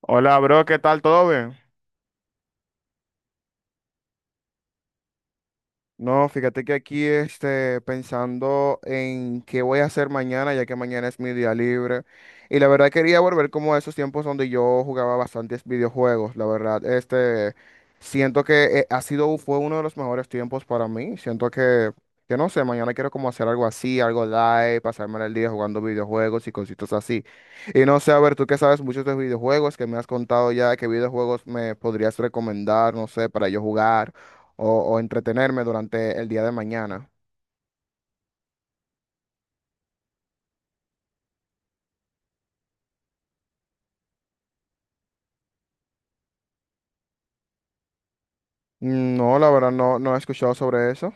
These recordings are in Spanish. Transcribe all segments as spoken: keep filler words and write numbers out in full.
Hola, bro, ¿qué tal? ¿Todo bien? No, fíjate que aquí este, pensando en qué voy a hacer mañana, ya que mañana es mi día libre. Y la verdad quería volver como a esos tiempos donde yo jugaba bastantes videojuegos. La verdad, este, siento que eh, ha sido, fue uno de los mejores tiempos para mí. Siento que, que no sé, mañana quiero como hacer algo así, algo live, pasarme el día jugando videojuegos y cositas así. Y no sé, a ver, tú que sabes mucho de videojuegos, que me has contado ya, qué videojuegos me podrías recomendar, no sé, para yo jugar. O, o entretenerme durante el día de mañana. No, la verdad no, no he escuchado sobre eso.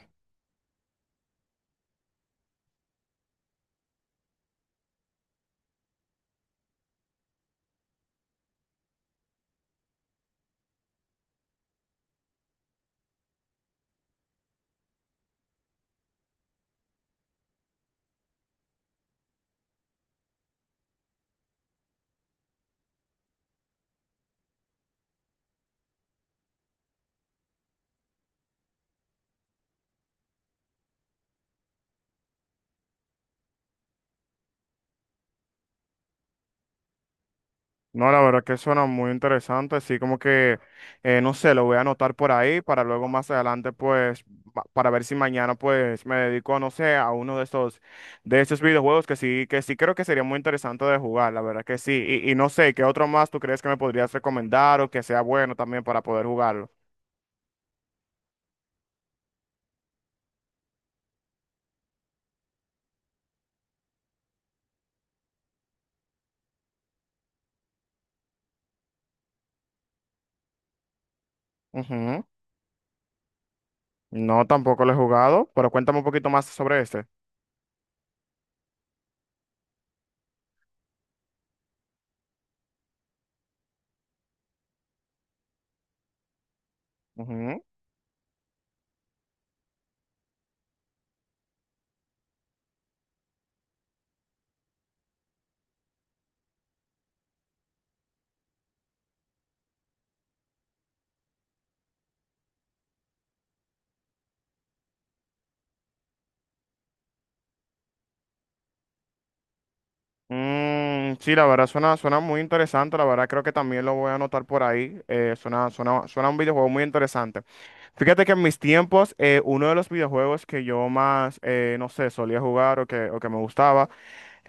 No, la verdad que suena muy interesante, así como que, eh, no sé, lo voy a anotar por ahí para luego más adelante, pues, pa- para ver si mañana, pues, me dedico, no sé, a uno de estos, de estos videojuegos que sí, que sí creo que sería muy interesante de jugar, la verdad que sí. Y, y no sé, ¿qué otro más tú crees que me podrías recomendar o que sea bueno también para poder jugarlo? Ujú. No, tampoco lo he jugado, pero cuéntame un poquito más sobre este. Ujú. Mm, sí, la verdad suena, suena muy interesante, la verdad creo que también lo voy a anotar por ahí, eh, suena, suena, suena un videojuego muy interesante. Fíjate que en mis tiempos, eh, uno de los videojuegos que yo más, eh, no sé, solía jugar o que, o que me gustaba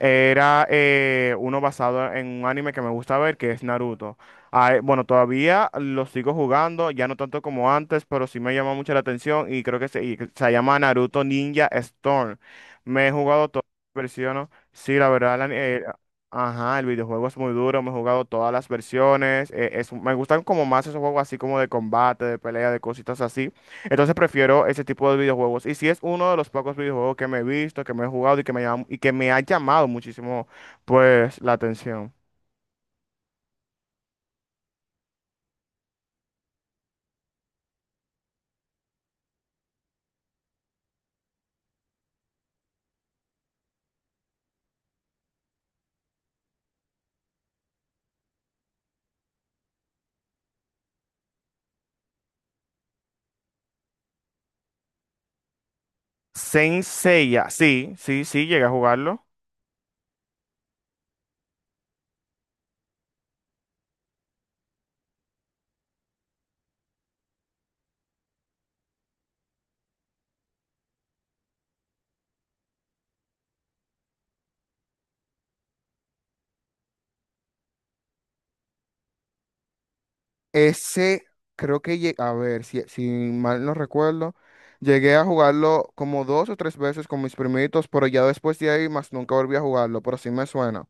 era eh, uno basado en un anime que me gusta ver, que es Naruto. Ah, eh, bueno, todavía lo sigo jugando, ya no tanto como antes, pero sí me llama mucho la atención y creo que se, y que se llama Naruto Ninja Storm. Me he jugado todas las versiones. Sí, la verdad, la- eh, ajá, el videojuego es muy duro, me he jugado todas las versiones. Eh, es- me gustan como más esos juegos así como de combate, de pelea, de cositas así. Entonces prefiero ese tipo de videojuegos. Y si es uno de los pocos videojuegos que me he visto, que me he jugado y que me, llam- y que me ha llamado muchísimo, pues, la atención. Saint Seiya, sí, sí, sí, llegué a jugarlo. Ese, creo que, lle- a ver, si, si mal no recuerdo, llegué a jugarlo como dos o tres veces con mis primitos, pero ya después de ahí más nunca volví a jugarlo, pero sí me suena.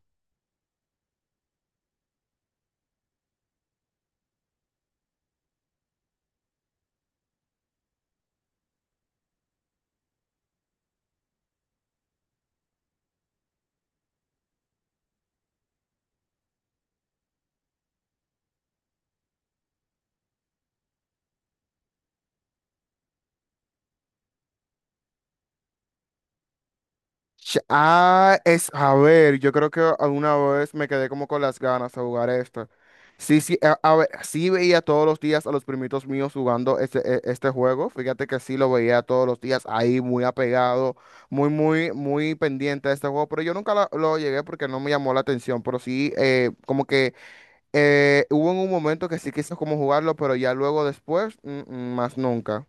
Ch- Ah, es, a ver, yo creo que alguna vez me quedé como con las ganas de jugar esto. Sí, sí, a, a ver, sí veía todos los días a los primitos míos jugando este, e- este juego. Fíjate que sí lo veía todos los días ahí, muy apegado, muy, muy, muy pendiente de este juego. Pero yo nunca la- lo llegué porque no me llamó la atención. Pero sí, eh, como que eh, hubo en un momento que sí quise como jugarlo, pero ya luego después, mm, mm, más nunca.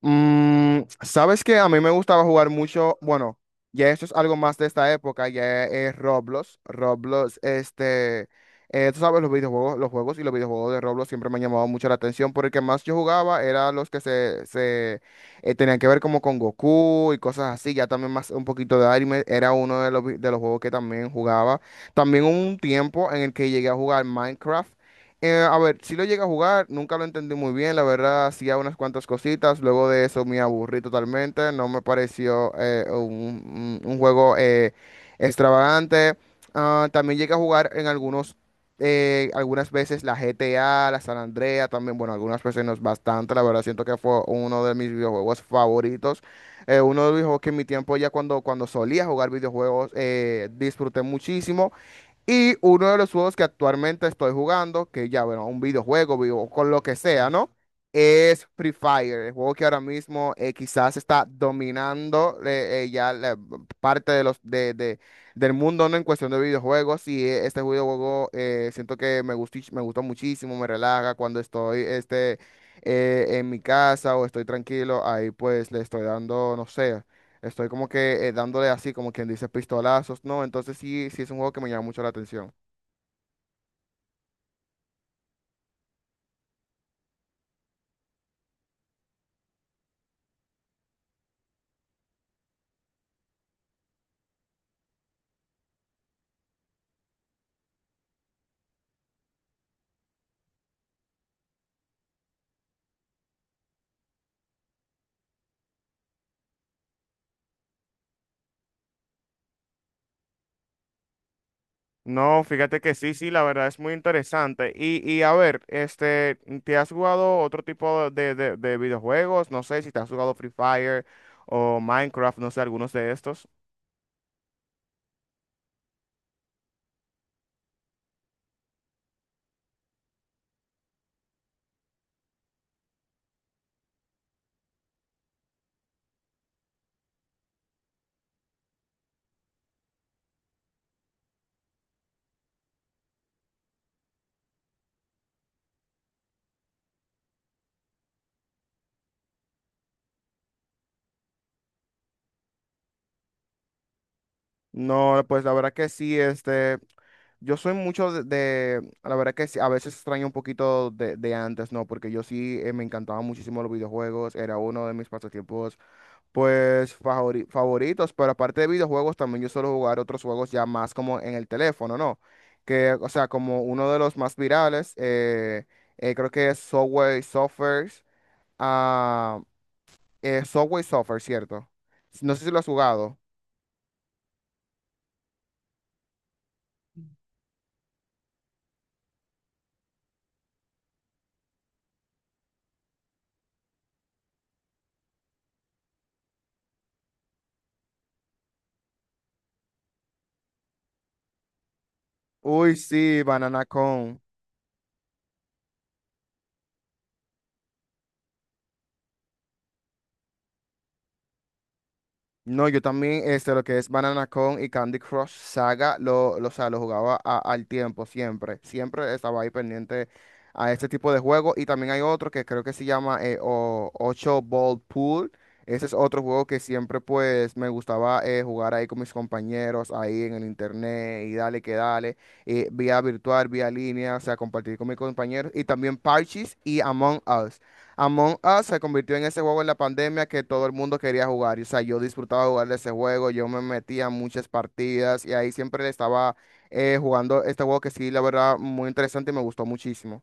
Mm, sabes que a mí me gustaba jugar mucho, bueno, ya esto es algo más de esta época, ya es Roblox, Roblox, este, eh, tú sabes, los videojuegos, los juegos y los videojuegos de Roblox siempre me han llamado mucho la atención, porque el que más yo jugaba era los que se, se eh, tenían que ver como con Goku y cosas así, ya también más un poquito de anime, era uno de los, vi- de los juegos que también jugaba, también hubo un tiempo en el que llegué a jugar Minecraft, eh, a ver, si lo llegué a jugar, nunca lo entendí muy bien, la verdad, hacía unas cuantas cositas, luego de eso me aburrí totalmente, no me pareció eh, un, un- un juego eh, extravagante. Ah, también llegué a jugar en algunos, eh, algunas veces la G T A, la San Andrea, también, bueno, algunas veces no es bastante, la verdad, siento que fue uno de mis videojuegos favoritos, eh, uno de los videojuegos que en mi tiempo ya cuando, cuando solía jugar videojuegos eh, disfruté muchísimo. Y uno de los juegos que actualmente estoy jugando, que ya, bueno, un videojuego, vivo, con lo que sea, ¿no? Es Free Fire, el juego que ahora mismo eh, quizás está dominando eh, eh, ya la parte de los, de, de- del mundo, ¿no? En cuestión de videojuegos. Y eh, este videojuego eh, siento que me gustó, me gustó muchísimo, me relaja cuando estoy este, eh, en mi casa o estoy tranquilo. Ahí pues le estoy dando, no sé. Estoy como que eh, dándole así, como quien dice, pistolazos, ¿no? Entonces sí, sí es un juego que me llama mucho la atención. No, fíjate que sí, sí, la verdad es muy interesante. Y, y a ver, este, ¿te has jugado otro tipo de, de, de videojuegos? No sé si te has jugado Free Fire o Minecraft, no sé, algunos de estos. No, pues la verdad que sí, este, yo soy mucho de, de- la verdad que sí, a veces extraño un poquito de, de antes, ¿no? Porque yo sí eh, me encantaban muchísimo los videojuegos, era uno de mis pasatiempos pues favori- favoritos, pero aparte de videojuegos, también yo suelo jugar otros juegos ya más como en el teléfono, ¿no? Que, o sea, como uno de los más virales, eh, eh, creo que es Subway Surfers. Ah, eh, Subway Surfers, ¿cierto? No sé si lo has jugado. Uy, sí, Banana Con. No, yo también, este, lo que es Banana Con y Candy Crush Saga, lo, lo, o sea, lo jugaba a- al tiempo, siempre. Siempre estaba ahí pendiente a este tipo de juego. Y también hay otro que creo que se llama eh, o, ocho Ball Pool. Ese es otro juego que siempre, pues, me gustaba eh, jugar ahí con mis compañeros, ahí en el internet, y dale que dale, eh, vía virtual, vía línea, o sea, compartir con mis compañeros. Y también Parchís y Among Us. Among Us se convirtió en ese juego en la pandemia que todo el mundo quería jugar. Y, o sea, yo disfrutaba jugar de ese juego, yo me metía a muchas partidas y ahí siempre estaba eh, jugando este juego que sí, la verdad, muy interesante y me gustó muchísimo.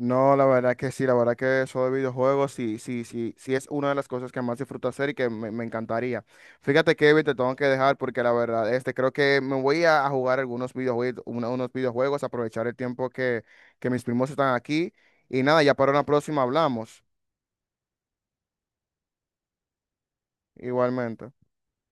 No, la verdad que sí, la verdad que eso de videojuegos sí, sí, sí, sí es una de las cosas que más disfruto hacer y que me, me encantaría. Fíjate, Kevin, te tengo que dejar porque la verdad, este, creo que me voy a, a jugar algunos videojuegos, unos videojuegos, aprovechar el tiempo que, que mis primos están aquí. Y nada, ya para una próxima hablamos. Igualmente.